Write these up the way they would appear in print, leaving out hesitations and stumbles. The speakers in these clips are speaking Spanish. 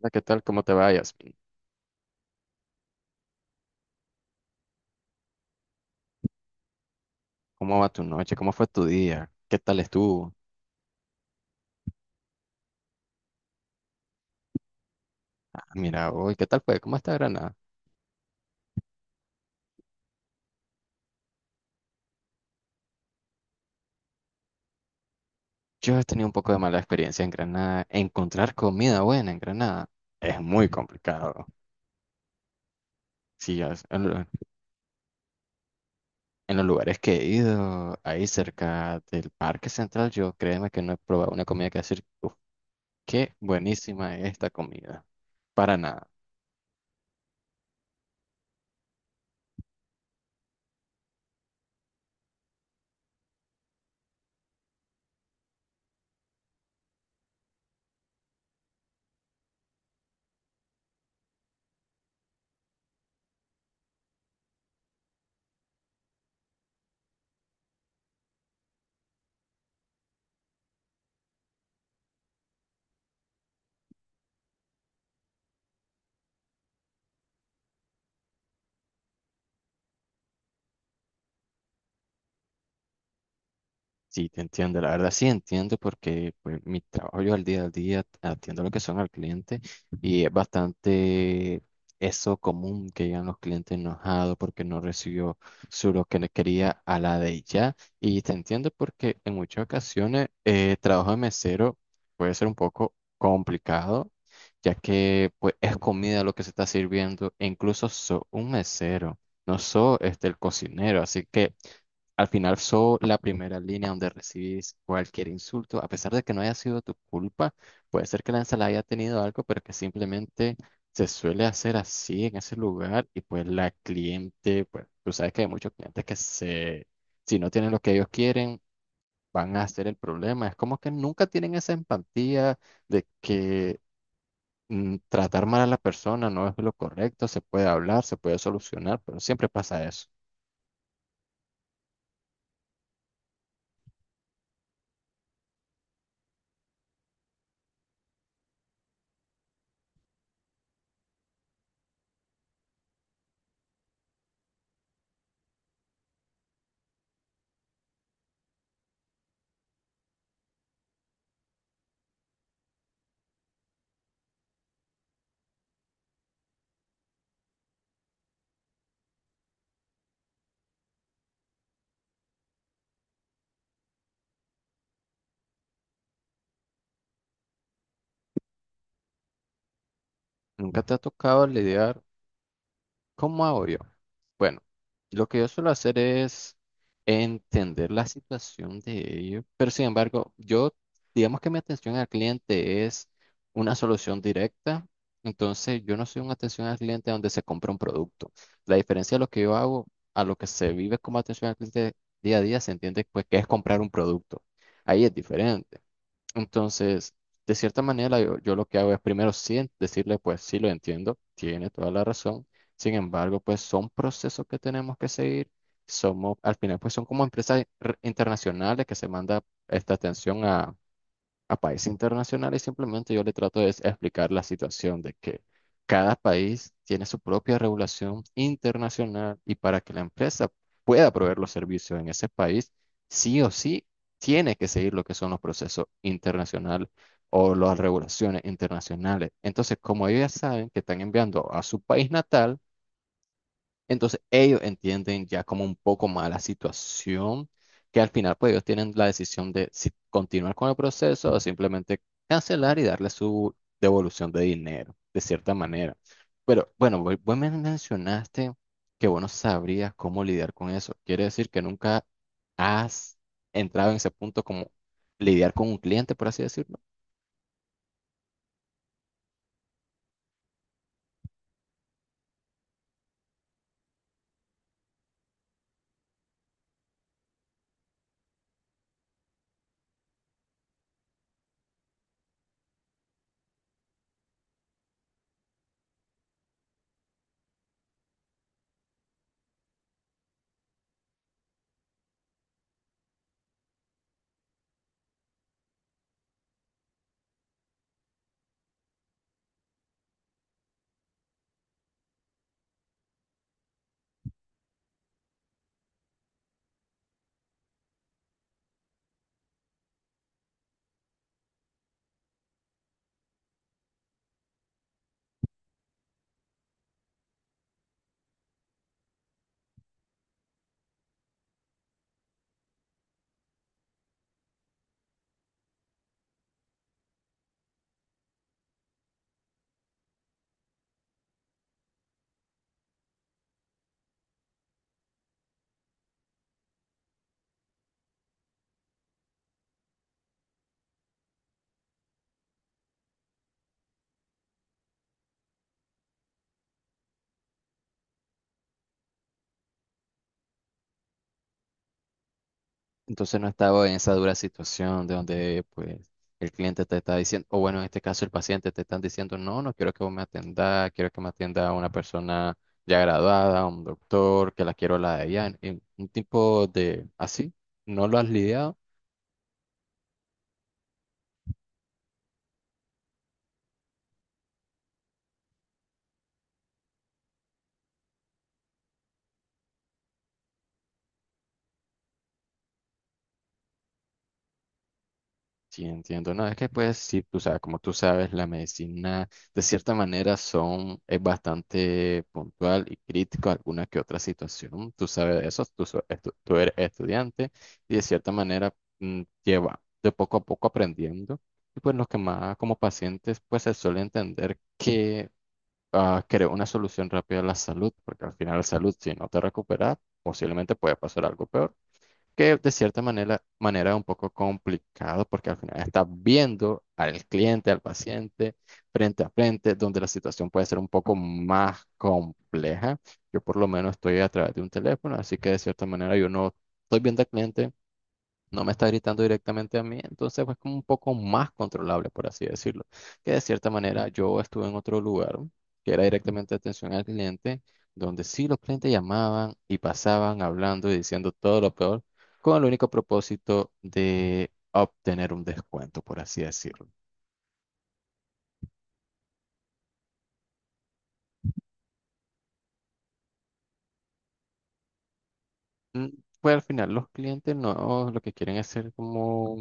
Hola, ¿qué tal? ¿Cómo te vayas? ¿Cómo va tu noche? ¿Cómo fue tu día? ¿Qué tal estuvo? Ah, mira, hoy, ¿qué tal fue? ¿Cómo está Granada? Yo he tenido un poco de mala experiencia en Granada. Encontrar comida buena en Granada es muy complicado. Sí, ya es- en, lo- en los lugares que he ido, ahí cerca del Parque Central, yo créeme que no he probado una comida que decir, "Uf, qué buenísima es esta comida." Para nada. Sí, te entiendo, la verdad sí entiendo porque pues mi trabajo yo al día atiendo lo que son al cliente y es bastante eso común que llegan los clientes enojados porque no recibió su lo que le quería a la de ya, y te entiendo porque en muchas ocasiones trabajo de mesero puede ser un poco complicado, ya que pues es comida lo que se está sirviendo e incluso soy un mesero, no soy este el cocinero, así que al final sos la primera línea donde recibís cualquier insulto, a pesar de que no haya sido tu culpa. Puede ser que la ensalada haya tenido algo, pero que simplemente se suele hacer así en ese lugar, y pues la cliente, pues tú sabes que hay muchos clientes que se, si no tienen lo que ellos quieren, van a hacer el problema. Es como que nunca tienen esa empatía de que tratar mal a la persona no es lo correcto, se puede hablar, se puede solucionar, pero siempre pasa eso. ¿Nunca te ha tocado lidiar? ¿Cómo hago yo? Bueno, lo que yo suelo hacer es entender la situación de ellos, pero sin embargo, yo, digamos que mi atención al cliente es una solución directa, entonces yo no soy una atención al cliente donde se compra un producto. La diferencia de lo que yo hago a lo que se vive como atención al cliente día a día, se entiende pues que es comprar un producto. Ahí es diferente. Entonces, de cierta manera, yo lo que hago es primero sí en- decirle, pues sí lo entiendo, tiene toda la razón. Sin embargo, pues son procesos que tenemos que seguir. Somos, al final, pues son como empresas re- internacionales que se manda esta atención a países internacionales. Simplemente yo le trato de explicar la situación de que cada país tiene su propia regulación internacional, y para que la empresa pueda proveer los servicios en ese país, sí o sí tiene que seguir lo que son los procesos internacionales o las regulaciones internacionales. Entonces, como ellos ya saben que están enviando a su país natal, entonces ellos entienden ya como un poco más la situación, que al final pues ellos tienen la decisión de si continuar con el proceso o simplemente cancelar y darle su devolución de dinero, de cierta manera. Pero bueno, vos me mencionaste que vos no sabrías cómo lidiar con eso. Quiere decir que nunca has entrado en ese punto como lidiar con un cliente, por así decirlo. Entonces no estaba en esa dura situación de donde pues el cliente te está diciendo, o bueno, en este caso el paciente te están diciendo, no, no quiero que vos me atendas, quiero que me atienda una persona ya graduada, un doctor, que la quiero la de allá, en un tipo de así, ¿no lo has lidiado? Sí, entiendo. No, es que pues sí, tú sabes, como tú sabes, la medicina de cierta manera son, es bastante puntual y crítico a alguna que otra situación. Tú sabes eso, tú, so- estu- tú eres estudiante y de cierta manera lleva de poco a poco aprendiendo. Y pues los que más como pacientes pues se suele entender que ah, crear una solución rápida a la salud, porque al final la salud, si no te recuperas, posiblemente puede pasar algo peor, que de cierta manera es un poco complicado porque al final estás viendo al cliente, al paciente, frente a frente, donde la situación puede ser un poco más compleja. Yo por lo menos estoy a través de un teléfono, así que de cierta manera yo no estoy viendo al cliente, no me está gritando directamente a mí, entonces pues como un poco más controlable, por así decirlo. Que de cierta manera yo estuve en otro lugar, que era directamente atención al cliente, donde sí los clientes llamaban y pasaban hablando y diciendo todo lo peor, con el único propósito de obtener un descuento, por así decirlo. Mm, Pues al final los clientes no lo que quieren es ser como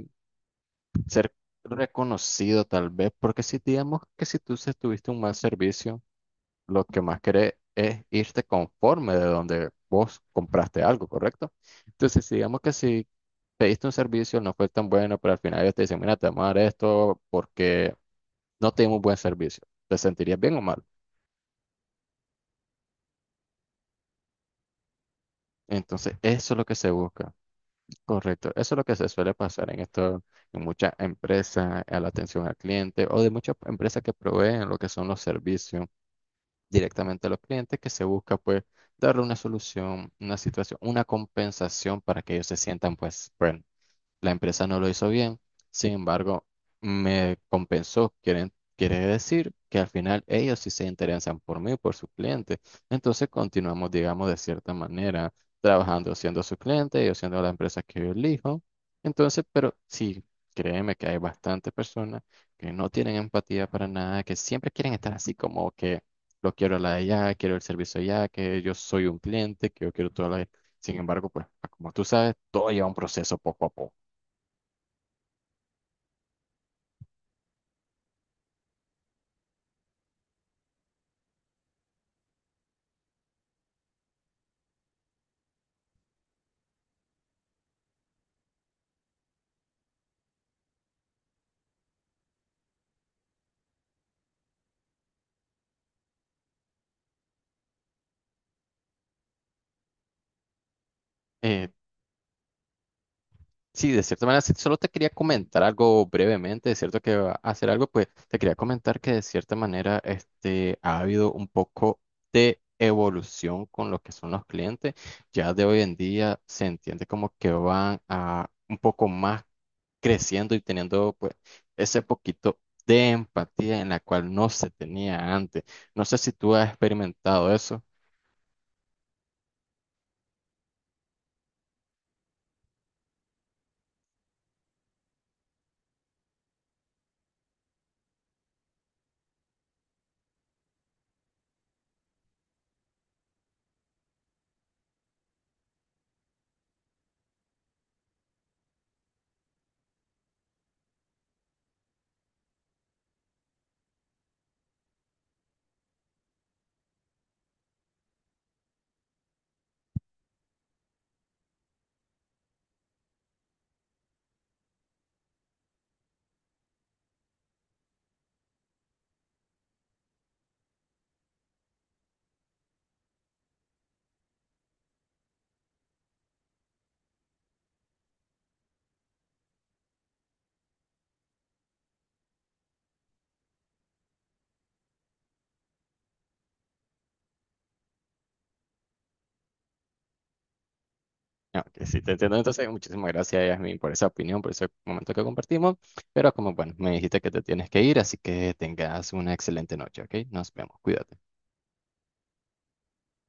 ser reconocido tal vez, porque si digamos que si tú se- tuviste un mal servicio, lo que más querés es irte conforme de donde vos compraste algo, ¿correcto? Entonces, si digamos que si pediste un servicio, no fue tan bueno, pero al final ellos te dicen, mira, te vamos a dar esto porque no te dimos buen servicio. ¿Te sentirías bien o mal? Entonces, eso es lo que se busca, correcto. Eso es lo que se suele pasar en esto, en muchas empresas, a la atención al cliente o de muchas empresas que proveen lo que son los servicios directamente a los clientes, que se busca pues darle una solución, una situación, una compensación para que ellos se sientan pues, bueno, la empresa no lo hizo bien, sin embargo, me compensó. Quieren, quiere decir que al final ellos sí se interesan por mí, por su cliente. Entonces continuamos, digamos, de cierta manera, trabajando siendo su cliente, ellos siendo la empresa que yo elijo. Entonces, pero sí, créeme que hay bastantes personas que no tienen empatía para nada, que siempre quieren estar así como que lo quiero la de allá, quiero el servicio allá, que yo soy un cliente, que yo quiero todo la... Sin embargo, pues, como tú sabes, todo lleva un proceso poco a poco. Eh, sí, de cierta manera, sí, solo te quería comentar algo brevemente, de cierto que va a hacer algo, pues te quería comentar que de cierta manera este, ha habido un poco de evolución con lo que son los clientes. Ya de hoy en día se entiende como que van a un poco más creciendo y teniendo pues ese poquito de empatía en la cual no se tenía antes. No sé si tú has experimentado eso. Ah, ok, sí, te entiendo. Entonces, muchísimas gracias, Yasmin, por esa opinión, por ese momento que compartimos. Pero como, bueno, me dijiste que te tienes que ir, así que tengas una excelente noche, ¿ok? Nos vemos, cuídate.